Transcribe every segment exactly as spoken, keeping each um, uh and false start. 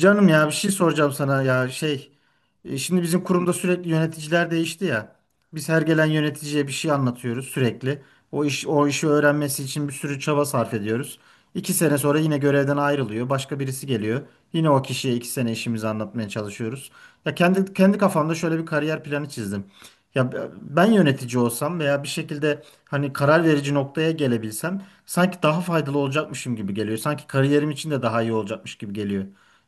Canım, ya bir şey soracağım sana ya şey e, şimdi bizim kurumda sürekli yöneticiler değişti ya. Biz her gelen yöneticiye bir şey anlatıyoruz sürekli. O iş o işi öğrenmesi için bir sürü çaba sarf ediyoruz. iki sene sonra yine görevden ayrılıyor. Başka birisi geliyor. Yine o kişiye iki sene işimizi anlatmaya çalışıyoruz. Ya kendi kendi kafamda şöyle bir kariyer planı çizdim. Ya ben yönetici olsam veya bir şekilde hani karar verici noktaya gelebilsem sanki daha faydalı olacakmışım gibi geliyor. Sanki kariyerim için de daha iyi olacakmış gibi geliyor.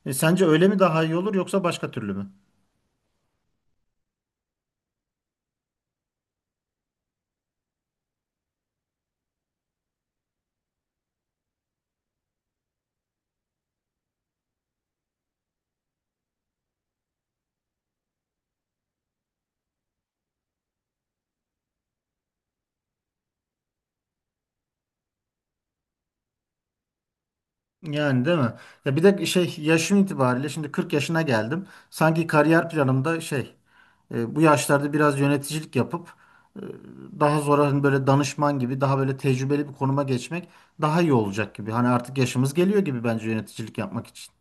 E, sence öyle mi daha iyi olur yoksa başka türlü mü? Yani değil mi? Ya bir de şey yaşım itibariyle şimdi kırk yaşına geldim. Sanki kariyer planımda şey e, bu yaşlarda biraz yöneticilik yapıp e, daha sonra hani böyle danışman gibi daha böyle tecrübeli bir konuma geçmek daha iyi olacak gibi. Hani artık yaşımız geliyor gibi bence yöneticilik yapmak için.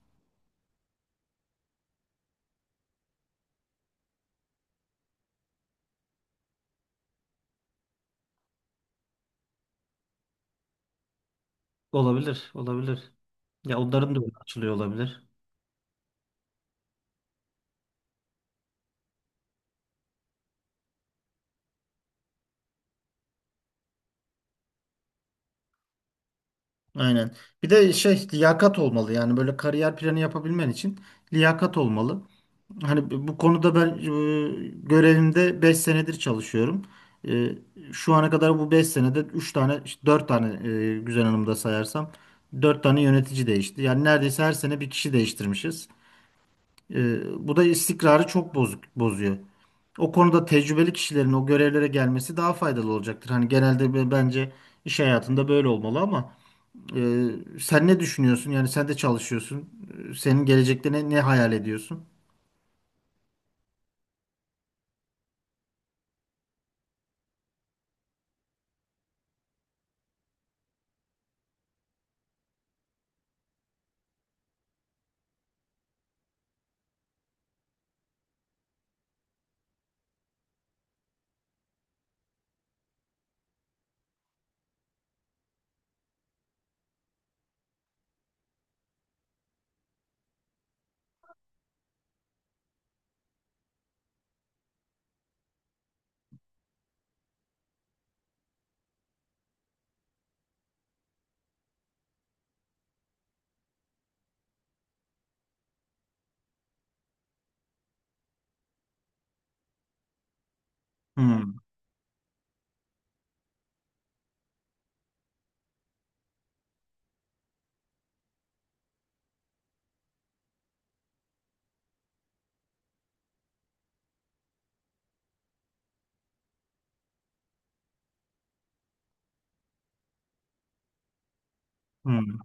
Aynen. Bir de şey liyakat olmalı, yani böyle kariyer planı yapabilmen için liyakat olmalı. Hani bu konuda ben e, görevimde beş senedir çalışıyorum. E, Şu ana kadar bu beş senede üç tane, işte dört tane, e, Güzel Hanım'da sayarsam dört tane yönetici değişti. Yani neredeyse her sene bir kişi değiştirmişiz. E, bu da istikrarı çok bozuk, bozuyor. O konuda tecrübeli kişilerin o görevlere gelmesi daha faydalı olacaktır. Hani genelde be- bence iş hayatında böyle olmalı, ama ee, sen ne düşünüyorsun? Yani sen de çalışıyorsun. Ee, Senin gelecekte ne, ne hayal ediyorsun? Hmm, hmm.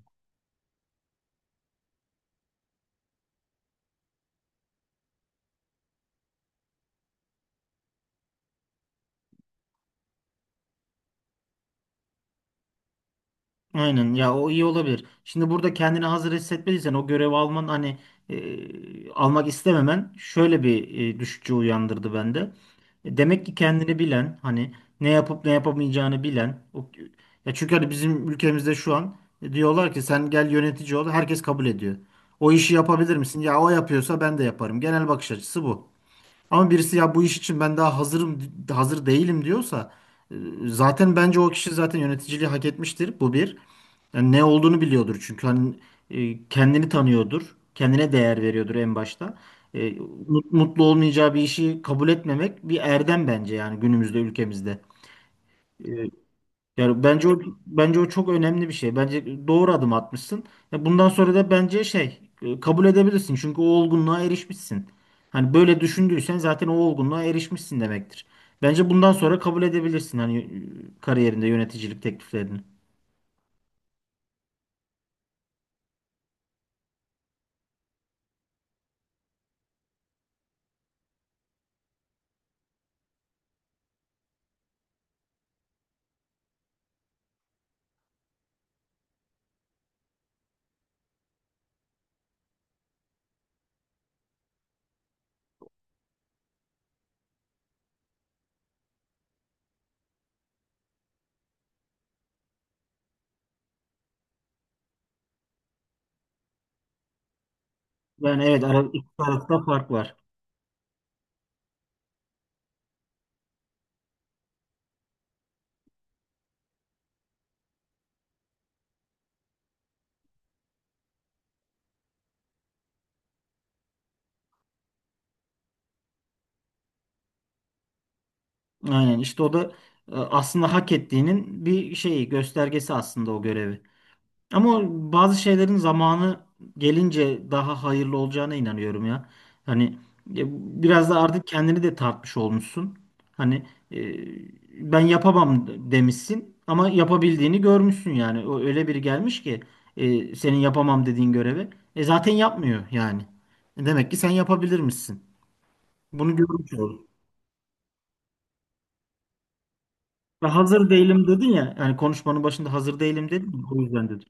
Aynen ya, o iyi olabilir. Şimdi burada kendini hazır hissetmediysen o görevi alman hani, e, almak istememen şöyle bir e, düşünce uyandırdı bende. E, Demek ki kendini bilen, hani ne yapıp ne yapamayacağını bilen o, ya çünkü hani bizim ülkemizde şu an e, diyorlar ki sen gel yönetici ol, herkes kabul ediyor. O işi yapabilir misin? Ya o yapıyorsa ben de yaparım. Genel bakış açısı bu. Ama birisi ya bu iş için ben daha hazırım, hazır değilim diyorsa, e, zaten bence o kişi zaten yöneticiliği hak etmiştir. Bu bir. Yani ne olduğunu biliyordur, çünkü hani e, kendini tanıyordur. Kendine değer veriyordur en başta. E, mut- Mutlu olmayacağı bir işi kabul etmemek bir erdem bence, yani günümüzde ülkemizde. E, Yani bence o bence o çok önemli bir şey. Bence doğru adım atmışsın. Ya bundan sonra da bence şey e, kabul edebilirsin. Çünkü o olgunluğa erişmişsin. Hani böyle düşündüysen zaten o olgunluğa erişmişsin demektir. Bence bundan sonra kabul edebilirsin, hani e, kariyerinde yöneticilik tekliflerini. Yani evet, ara, iki tarafta fark var. Aynen, işte o da e, aslında hak ettiğinin bir şeyi göstergesi, aslında o görevi. Ama o, bazı şeylerin zamanı gelince daha hayırlı olacağına inanıyorum ya. Hani ya biraz da artık kendini de tartmış olmuşsun. Hani e, ben yapamam demişsin ama yapabildiğini görmüşsün yani. O öyle biri gelmiş ki e, senin yapamam dediğin görevi. E zaten yapmıyor yani. E demek ki sen yapabilirmişsin. Bunu görmüş oldum. Ve hazır değilim dedin ya. Yani konuşmanın başında hazır değilim dedin, ya, o yüzden dedim.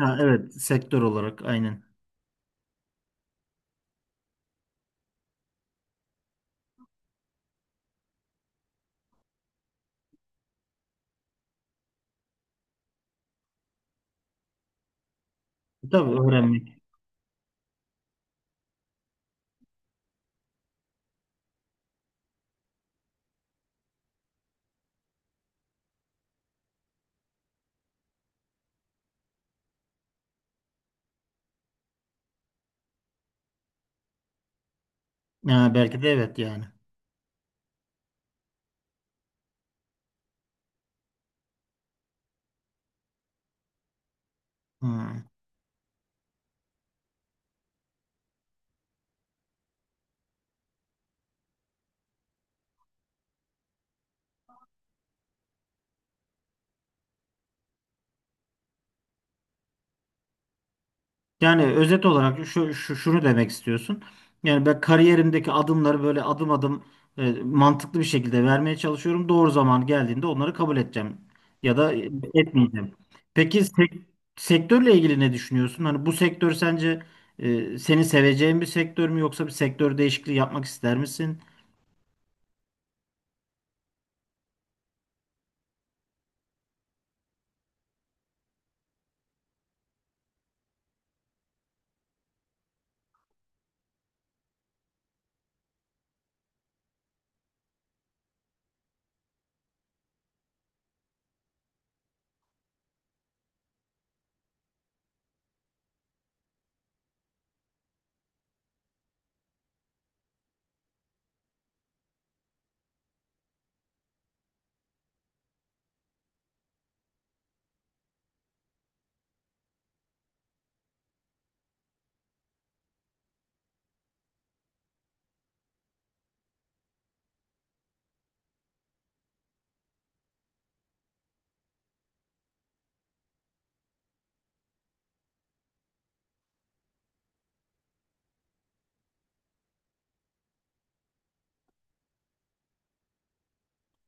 Ha, evet, sektör olarak aynen. Tabii öğrenmek. Ya belki de, evet yani. Hmm. Yani özet olarak, şu, şu şunu demek istiyorsun. Yani ben kariyerimdeki adımları böyle adım adım e, mantıklı bir şekilde vermeye çalışıyorum. Doğru zaman geldiğinde onları kabul edeceğim, ya da e, etmeyeceğim. Peki sek- sektörle ilgili ne düşünüyorsun? Hani bu sektör sence e, seni seveceğin bir sektör mü, yoksa bir sektör değişikliği yapmak ister misin?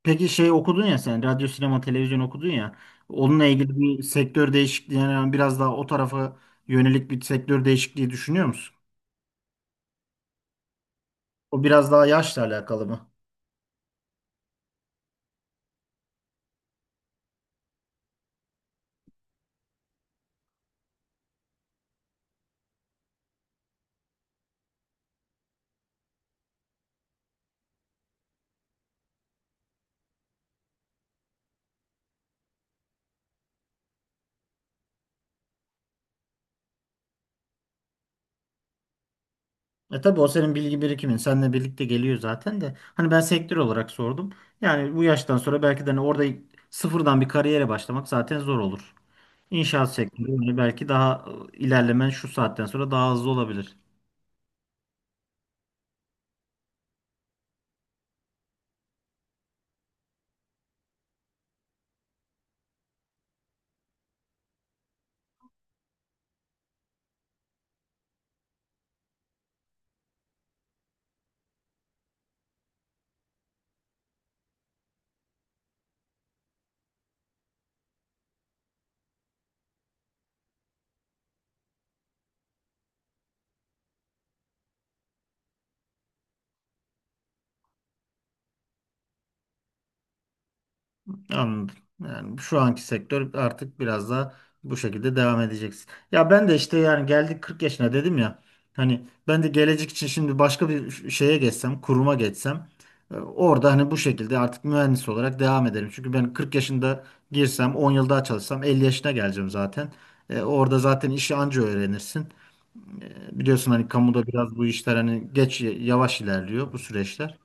Peki şey, okudun ya sen, radyo, sinema, televizyon okudun ya. Onunla ilgili bir sektör değişikliği, yani biraz daha o tarafa yönelik bir sektör değişikliği düşünüyor musun? O biraz daha yaşla alakalı mı? E tabii, o senin bilgi birikimin. Seninle birlikte geliyor zaten de. Hani ben sektör olarak sordum. Yani bu yaştan sonra belki de hani orada sıfırdan bir kariyere başlamak zaten zor olur. İnşaat sektörü hani belki daha e, ilerlemen şu saatten sonra daha hızlı olabilir. Anladım. Yani şu anki sektör artık biraz da bu şekilde devam edeceksin. Ya ben de işte, yani geldik kırk yaşına dedim ya. Hani ben de gelecek için şimdi başka bir şeye geçsem, kuruma geçsem, e, orada hani bu şekilde artık mühendis olarak devam ederim. Çünkü ben kırk yaşında girsem on yıl daha çalışsam elli yaşına geleceğim zaten. E, orada zaten işi anca öğrenirsin. E, biliyorsun hani kamuda biraz bu işler hani geç, yavaş ilerliyor bu süreçler.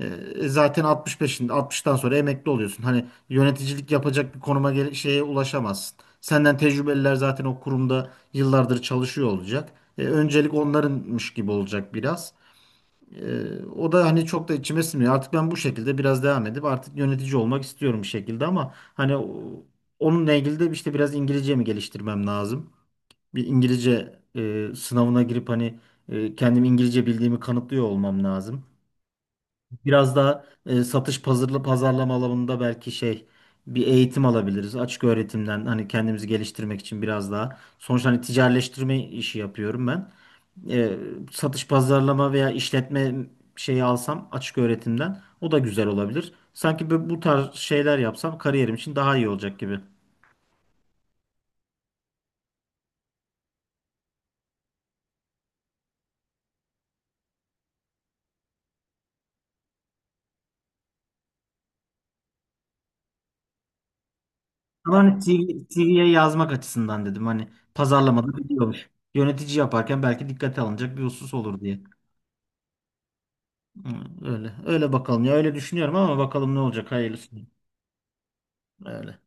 E, zaten altmış beşin altmıştan sonra emekli oluyorsun. Hani yöneticilik yapacak bir konuma gel- şeye ulaşamazsın. Senden tecrübeliler zaten o kurumda yıllardır çalışıyor olacak. E, öncelik onlarınmış gibi olacak biraz. E, o da hani çok da içime sinmiyor. Artık ben bu şekilde biraz devam edip artık yönetici olmak istiyorum bir şekilde, ama hani o- onunla ilgili de işte biraz İngilizce mi geliştirmem lazım? Bir İngilizce e, sınavına girip hani e, kendim İngilizce bildiğimi kanıtlıyor olmam lazım. Biraz daha e, satış pazarla pazarlama alanında belki şey bir eğitim alabiliriz. Açık öğretimden, hani kendimizi geliştirmek için biraz daha. Sonuçta hani ticaretleştirme işi yapıyorum ben. E, Satış pazarlama veya işletme şeyi alsam açık öğretimden, o da güzel olabilir. Sanki bu, bu tarz şeyler yapsam kariyerim için daha iyi olacak gibi. Ama hani C V'ye yazmak açısından dedim, hani pazarlamada biliyormuş. Yönetici yaparken belki dikkate alınacak bir husus olur diye. Hı. Öyle. Öyle bakalım ya. Öyle düşünüyorum ama bakalım ne olacak. Hayırlısı. Öyle.